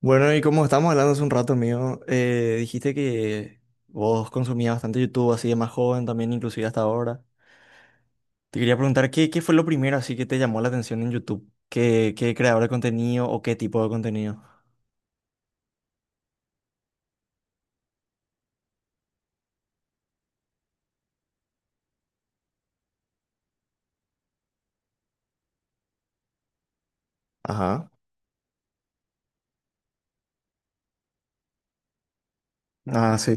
Bueno, y como estábamos hablando hace un rato, amigo, dijiste que vos consumías bastante YouTube así de más joven también, inclusive hasta ahora. Te quería preguntar, ¿qué fue lo primero así que te llamó la atención en YouTube? ¿Qué creador de contenido o qué tipo de contenido? Ajá. Ah, sí.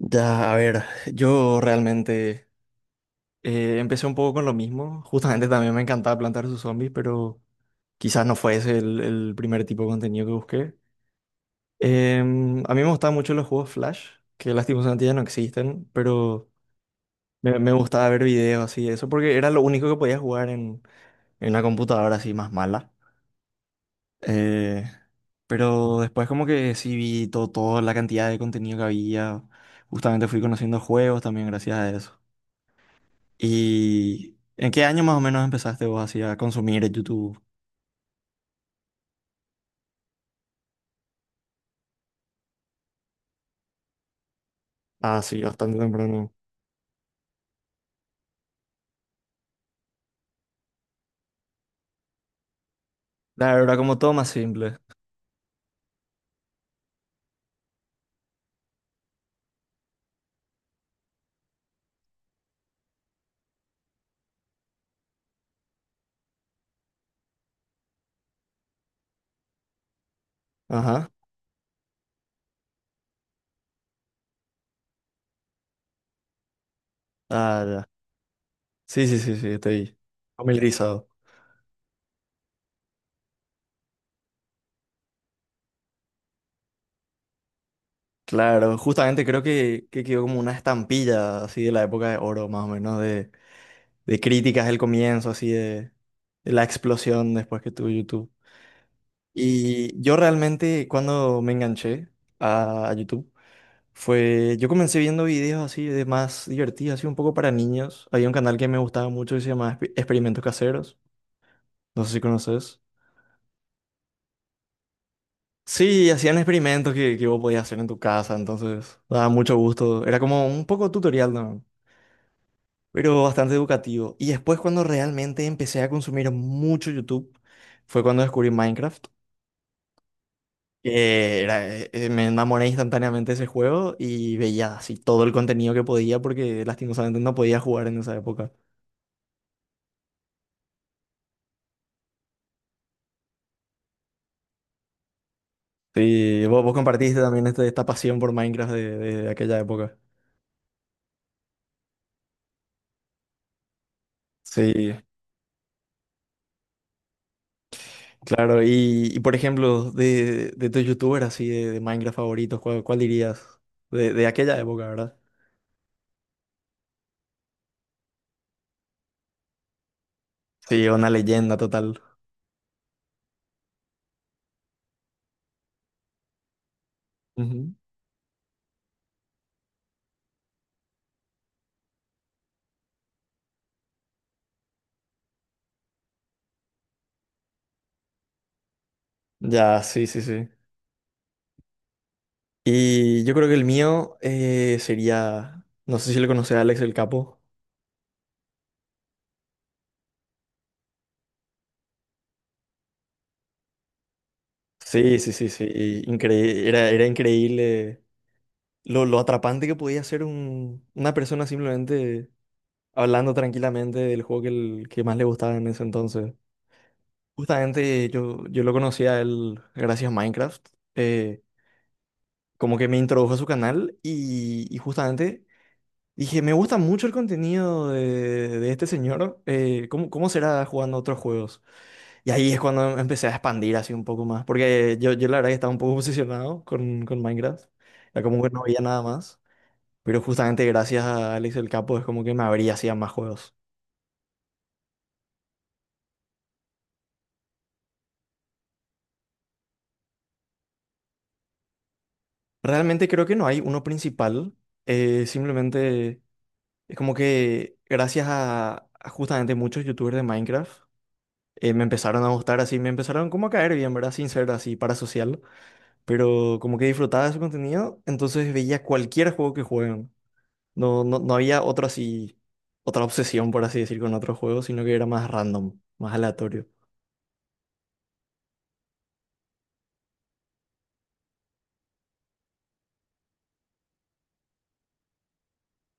Ya, a ver, yo realmente empecé un poco con lo mismo. Justamente también me encantaba plantar sus zombies, pero quizás no fue ese el primer tipo de contenido que busqué. A mí me gustaban mucho los juegos Flash, que lastimosamente ya no existen, pero me gustaba ver videos así de eso, porque era lo único que podía jugar en una computadora así más mala. Eh, pero después como que sí vi todo, toda la cantidad de contenido que había, justamente fui conociendo juegos también gracias a eso. ¿Y en qué año más o menos empezaste vos así a consumir YouTube? Ah, sí, bastante temprano. La verdad, como todo más simple. Ajá. Ah, ya. Sí, sí, sí, sí, estoy familiarizado. Claro, justamente creo que quedó como una estampilla así de la época de oro, más o menos, de críticas del comienzo, así de la explosión después que tuvo YouTube. Y yo realmente cuando me enganché a YouTube fue, yo comencé viendo videos así de más divertidos, así un poco para niños. Había un canal que me gustaba mucho que se llamaba Experimentos Caseros, no sé si conoces. Sí, hacían experimentos que vos podías hacer en tu casa, entonces daba mucho gusto. Era como un poco tutorial, ¿no? Pero bastante educativo. Y después cuando realmente empecé a consumir mucho YouTube, fue cuando descubrí Minecraft, me enamoré instantáneamente de ese juego y veía así todo el contenido que podía porque lastimosamente no podía jugar en esa época. Sí, vos compartiste también esta pasión por Minecraft de aquella época. Sí, claro. Por ejemplo, de tus youtubers así de Minecraft favoritos, ¿cuál dirías? De aquella época, ¿verdad? Sí, una leyenda total. Ya, sí, sí, sí. Y yo creo que el mío sería, no sé si lo conoce Alex el Capo. Sí, sí, sí, sí. Era, era increíble lo atrapante que podía ser una persona simplemente hablando tranquilamente del juego que, el, que más le gustaba en ese entonces. Justamente yo lo conocí a él gracias a Minecraft. eh, Como que me introdujo a su canal y justamente dije, me gusta mucho el contenido de este señor. ¿Cómo será jugando otros juegos? Y ahí es cuando empecé a expandir así un poco más. Porque yo la verdad que estaba un poco obsesionado con Minecraft. Era como que no veía nada más. Pero justamente gracias a Alex el Capo es como que me abría hacia más juegos. Realmente creo que no hay uno principal. Simplemente es como que gracias a justamente muchos youtubers de Minecraft me empezaron a gustar así. Me empezaron como a caer bien, ¿verdad? Sin ser así parasocial. Pero como que disfrutaba de su contenido, entonces veía cualquier juego que jueguen. No había otra así, otra obsesión, por así decir, con otros juegos, sino que era más random, más aleatorio.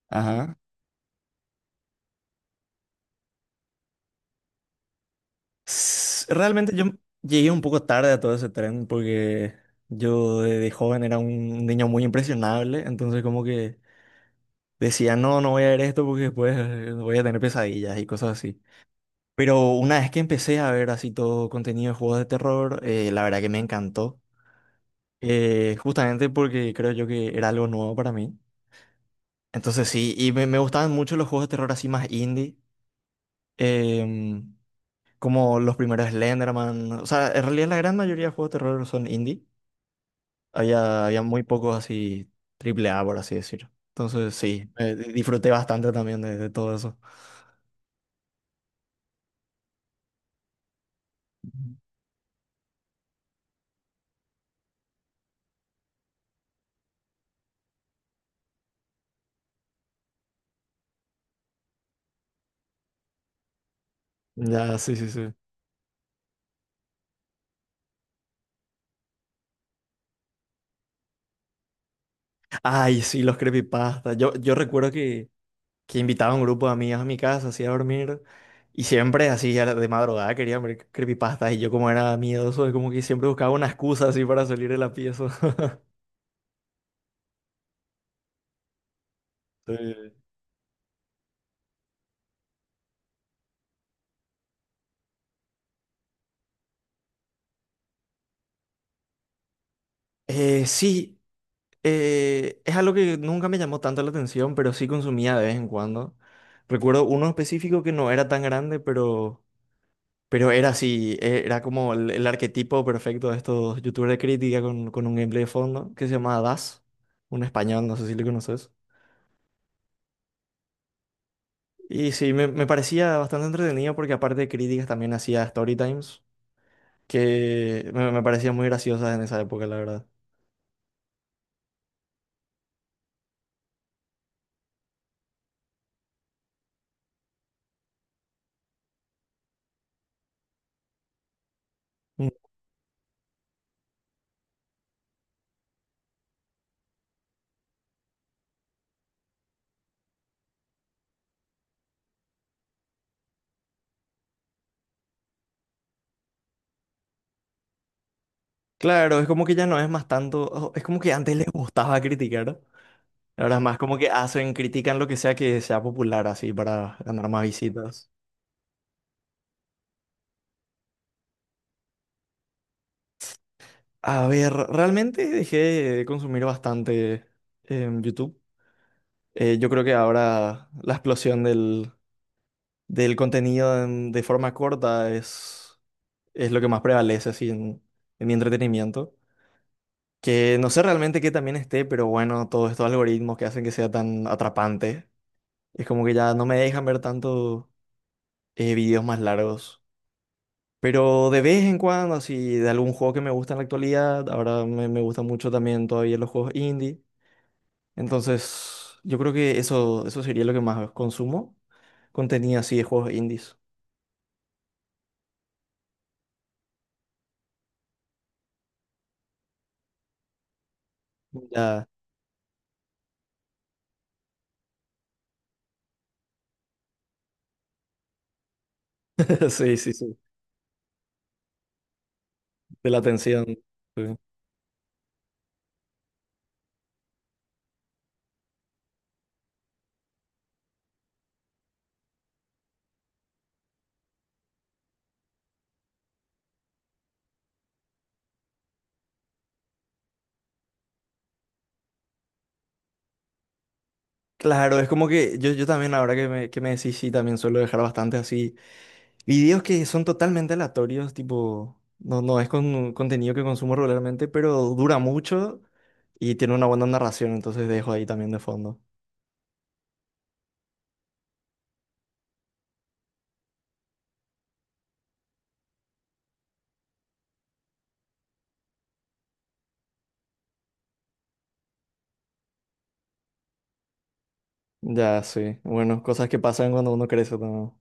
Ajá. Realmente yo llegué un poco tarde a todo ese tren porque yo de joven era un niño muy impresionable, entonces como que decía, no, no voy a ver esto porque después voy a tener pesadillas y cosas así. Pero una vez que empecé a ver así todo contenido de juegos de terror, la verdad que me encantó. Justamente porque creo yo que era algo nuevo para mí. Entonces sí, y me gustaban mucho los juegos de terror así más indie, em, como los primeros Slenderman. O sea, en realidad la gran mayoría de juegos de terror son indie. Había muy pocos así triple A, por así decirlo. Entonces sí, disfruté bastante también de todo eso. Ya, sí, sí, sí. Ay, sí, los creepypastas. Yo recuerdo que invitaba a un grupo de amigas a mi casa, así a dormir. Y siempre así de madrugada querían ver creepypastas y yo como era miedoso, como que siempre buscaba una excusa así para salir de la pieza. Sí. Eh, sí, es algo que nunca me llamó tanto la atención, pero sí consumía de vez en cuando. Recuerdo uno específico que no era tan grande, pero era así, era como el arquetipo perfecto de estos youtubers de crítica con un gameplay de fondo que se llamaba Das, un español, no sé si lo conoces. Y sí, me parecía bastante entretenido porque aparte de críticas también hacía story times que me parecían muy graciosas en esa época, la verdad. Mm. Claro, es como que ya no es más tanto, oh, es como que antes les gustaba criticar, ahora es más como que hacen, critican lo que sea popular así para ganar más visitas. A ver, realmente dejé de consumir bastante en YouTube. Yo creo que ahora la explosión del contenido de forma corta es lo que más prevalece así en mi entretenimiento. Que no sé realmente qué también esté, pero bueno, todos estos algoritmos que hacen que sea tan atrapante, es como que ya no me dejan ver tanto videos más largos. Pero de vez en cuando, así, de algún juego que me gusta en la actualidad, ahora me gustan mucho también todavía los juegos indie. Entonces, yo creo que eso sería lo que más consumo, contenido así de juegos indies. Ya, sí, sí, sí, de la atención. Sí. Claro, es como que yo también, ahora que que me decís, sí, también suelo dejar bastante así. Videos que son totalmente aleatorios, tipo, no es con contenido que consumo regularmente, pero dura mucho y tiene una buena narración, entonces dejo ahí también de fondo. Ya, sí. Bueno, cosas que pasan cuando uno crece también.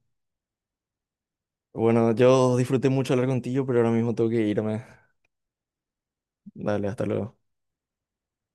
Bueno, yo disfruté mucho hablar contigo, pero ahora mismo tengo que irme. Dale, hasta luego.